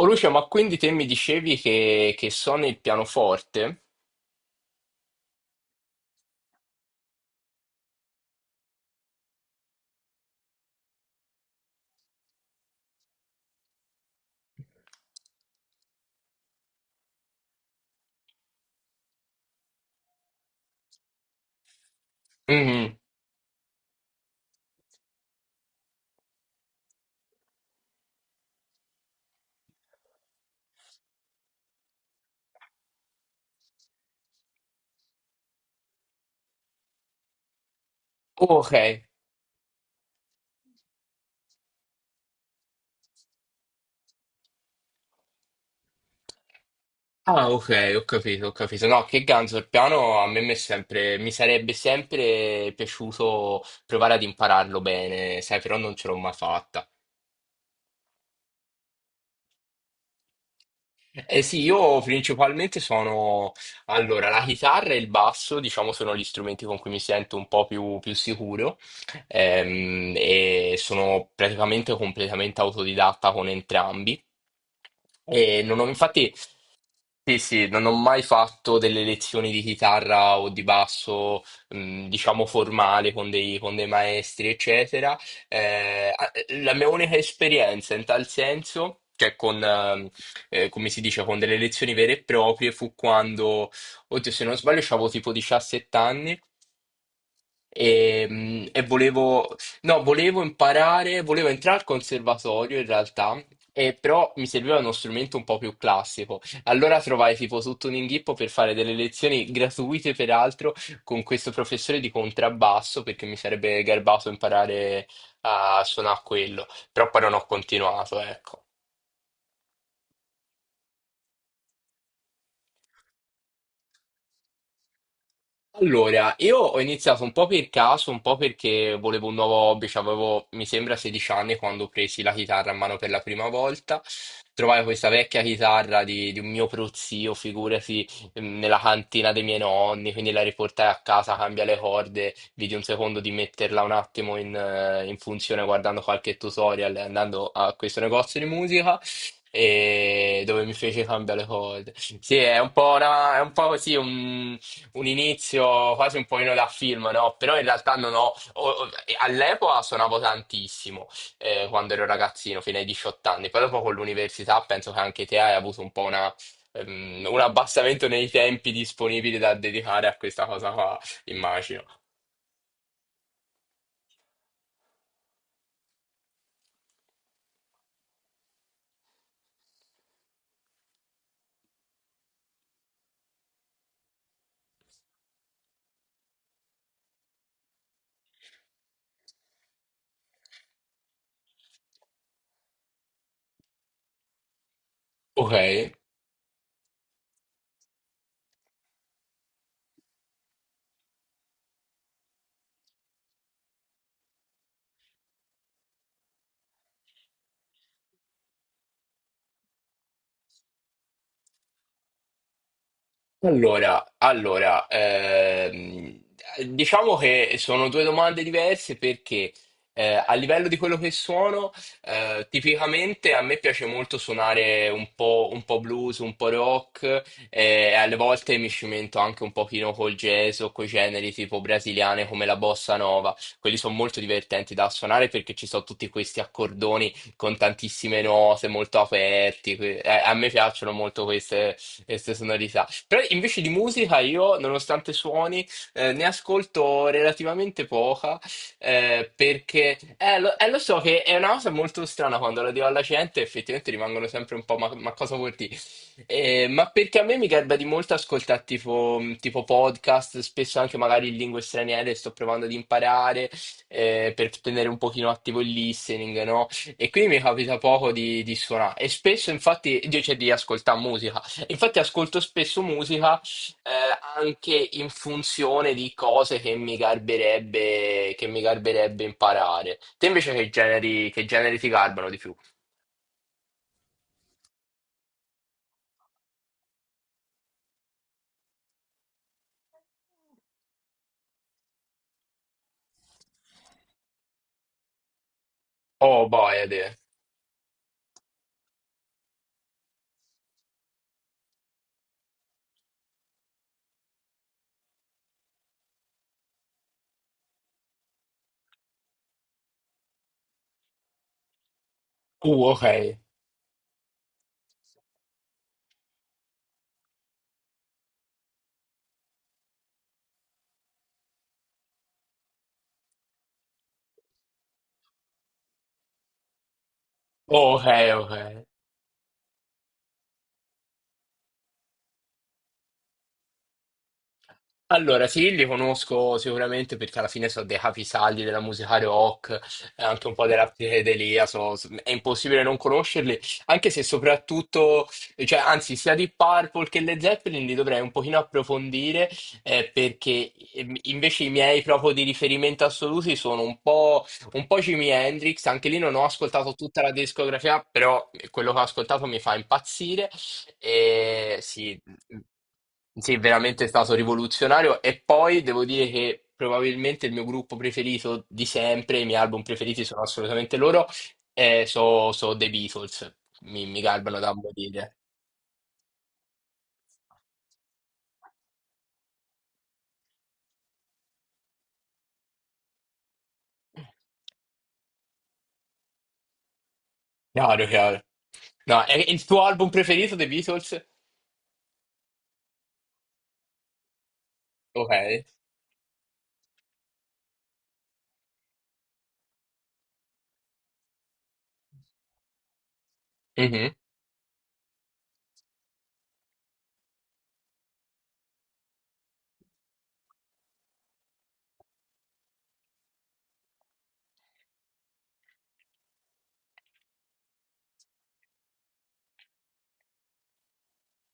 Oh Lucio, ma quindi te mi dicevi che suoni il pianoforte? Mhm. Ok. Ah, ok, ho capito, ho capito. No, che ganzo, il piano a me mi è sempre, mi sarebbe sempre piaciuto provare ad impararlo bene, sai, però non ce l'ho mai fatta. Eh sì, io principalmente sono... Allora, la chitarra e il basso, diciamo, sono gli strumenti con cui mi sento un po' più, più sicuro, e sono praticamente completamente autodidatta con entrambi. E non ho, infatti, sì, sì, non ho mai fatto delle lezioni di chitarra o di basso, diciamo, formale con dei maestri, eccetera. Eh, a- la mia unica esperienza in tal senso, cioè con, come si dice, con delle lezioni vere e proprie, fu quando, oddio, se non sbaglio, avevo tipo 17 anni e, e volevo, no, volevo imparare, volevo entrare al conservatorio in realtà. E però mi serviva uno strumento un po' più classico. Allora trovai tipo tutto un inghippo per fare delle lezioni gratuite, peraltro, con questo professore di contrabbasso, perché mi sarebbe garbato imparare a suonare quello. Però poi non ho continuato, ecco. Allora, io ho iniziato un po' per caso, un po' perché volevo un nuovo hobby, cioè avevo, mi sembra, 16 anni quando presi la chitarra a mano per la prima volta. Trovai questa vecchia chitarra di un mio prozio, figurati, nella cantina dei miei nonni, quindi la riportai a casa, cambia le corde, vidi un secondo di metterla un attimo in, in funzione guardando qualche tutorial e andando a questo negozio di musica. E dove mi fece cambiare le corde. Sì, è un po', è un po' così, un inizio quasi un pochino da film, no? Però in realtà non ho... all'epoca suonavo tantissimo, quando ero ragazzino, fino ai 18 anni. Poi dopo con l'università penso che anche te hai avuto un po' una, un abbassamento nei tempi disponibili da dedicare a questa cosa qua, immagino. Ok. Allora, diciamo che sono due domande diverse perché a livello di quello che suono, tipicamente a me piace molto suonare un po' blues, un po' rock, e alle volte mi cimento anche un pochino col jazz o coi generi tipo brasiliane come la bossa nova. Quelli sono molto divertenti da suonare perché ci sono tutti questi accordoni con tantissime note molto aperti. A me piacciono molto queste queste sonorità. Però invece di musica io, nonostante suoni, ne ascolto relativamente poca, perché lo so che è una cosa molto strana quando la dico alla gente, effettivamente rimangono sempre un po' ma cosa vuol dire? Ma perché a me mi garba di molto ascoltare tipo, tipo podcast, spesso anche magari in lingue straniere, sto provando ad imparare, per tenere un pochino attivo il listening, no? E quindi mi capita poco di suonare. E spesso infatti, io cioè, di ascoltare musica. Infatti ascolto spesso musica, eh, anche in funzione di cose che mi garberebbe imparare. Te invece che generi ti garbano di più? Oh boy, Ade. Ok. Oh, ok, ok. Allora, sì, li conosco sicuramente perché alla fine sono dei capisaldi della musica rock, anche un po' della psichedelia, è impossibile non conoscerli, anche se soprattutto, cioè, anzi, sia di Purple che le Zeppelin li dovrei un pochino approfondire, perché invece i miei proprio di riferimento assoluti sono un po' Jimi Hendrix, anche lì non ho ascoltato tutta la discografia, però quello che ho ascoltato mi fa impazzire. E sì, sì, veramente è stato rivoluzionario. E poi devo dire che probabilmente il mio gruppo preferito di sempre, i miei album preferiti sono assolutamente loro, e so, so The Beatles. Mi garbano da morire. Chiaro, chiaro. No, è il tuo album preferito, The Beatles? Ok. Mhm.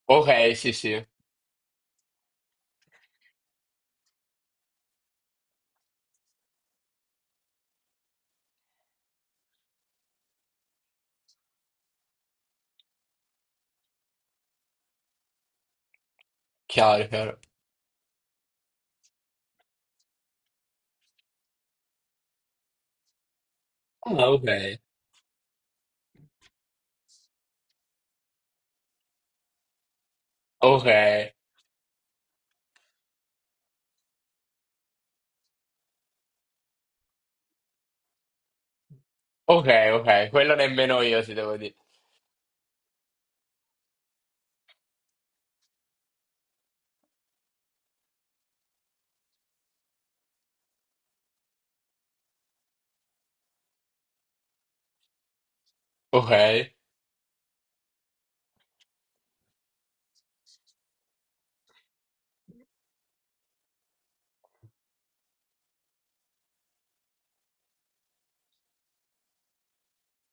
Ok, sì, sì. Chiaro, chiaro. Ah, ok. Ok, ok, ok. Quello nemmeno io ti devo dire. Ok.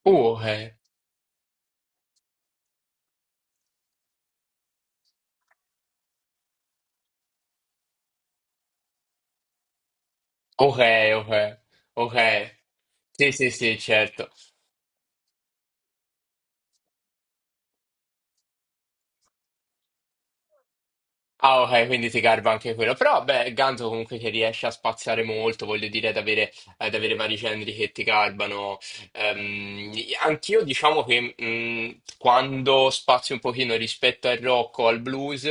Ok. Ok, ok, ok. Sì, sì, sì, certo. Ah, ok, quindi ti garba anche quello. Però, beh, Ganzo comunque che riesce a spaziare molto, voglio dire, ad avere vari generi che ti garbano. Ehm, Anch'io diciamo che quando spazio un pochino rispetto al rock o al blues,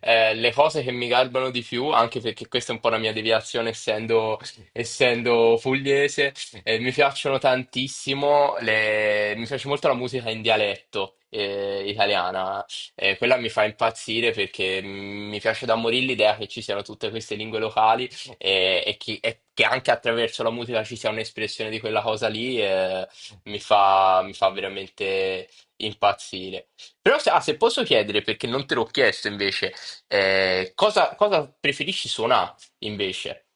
le cose che mi garbano di più, anche perché questa è un po' la mia deviazione essendo, essendo pugliese, mi piacciono tantissimo, mi piace molto la musica in dialetto, italiana, e quella mi fa impazzire perché mi piace da morire l'idea che ci siano tutte queste lingue locali e, e che anche attraverso la musica ci sia un'espressione di quella cosa lì, mi fa veramente impazzire. Però se, ah, se posso chiedere, perché non te l'ho chiesto invece, cosa, cosa preferisci suonare invece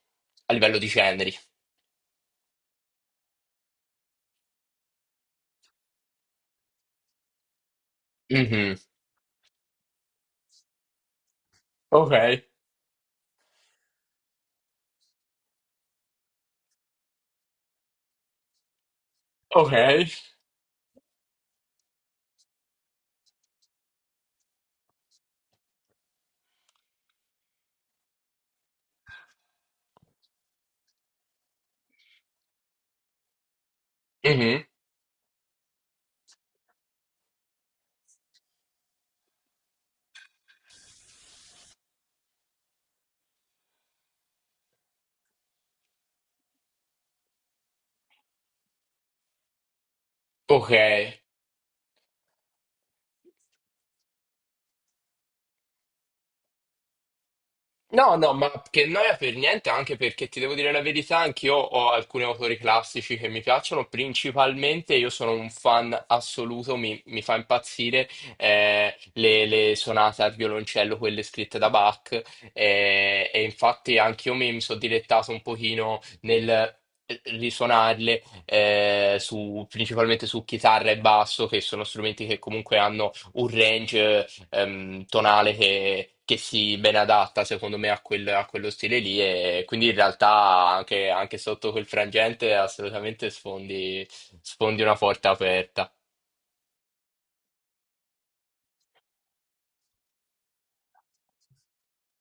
a livello di generi? Mhm. Ok, ok. Mhm. Ok. No, no, ma che noia per niente, anche perché ti devo dire la verità, anch'io ho alcuni autori classici che mi piacciono, principalmente io sono un fan assoluto, mi fa impazzire, le sonate al violoncello, quelle scritte da Bach, e infatti anch'io mi, mi sono dilettato un pochino nel, risuonarle, principalmente su chitarra e basso, che sono strumenti che comunque hanno un range tonale che si ben adatta secondo me a, a quello stile lì e quindi in realtà anche, anche sotto quel frangente assolutamente sfondi, sfondi una porta aperta.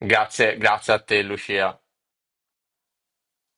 Grazie, grazie a te Lucia.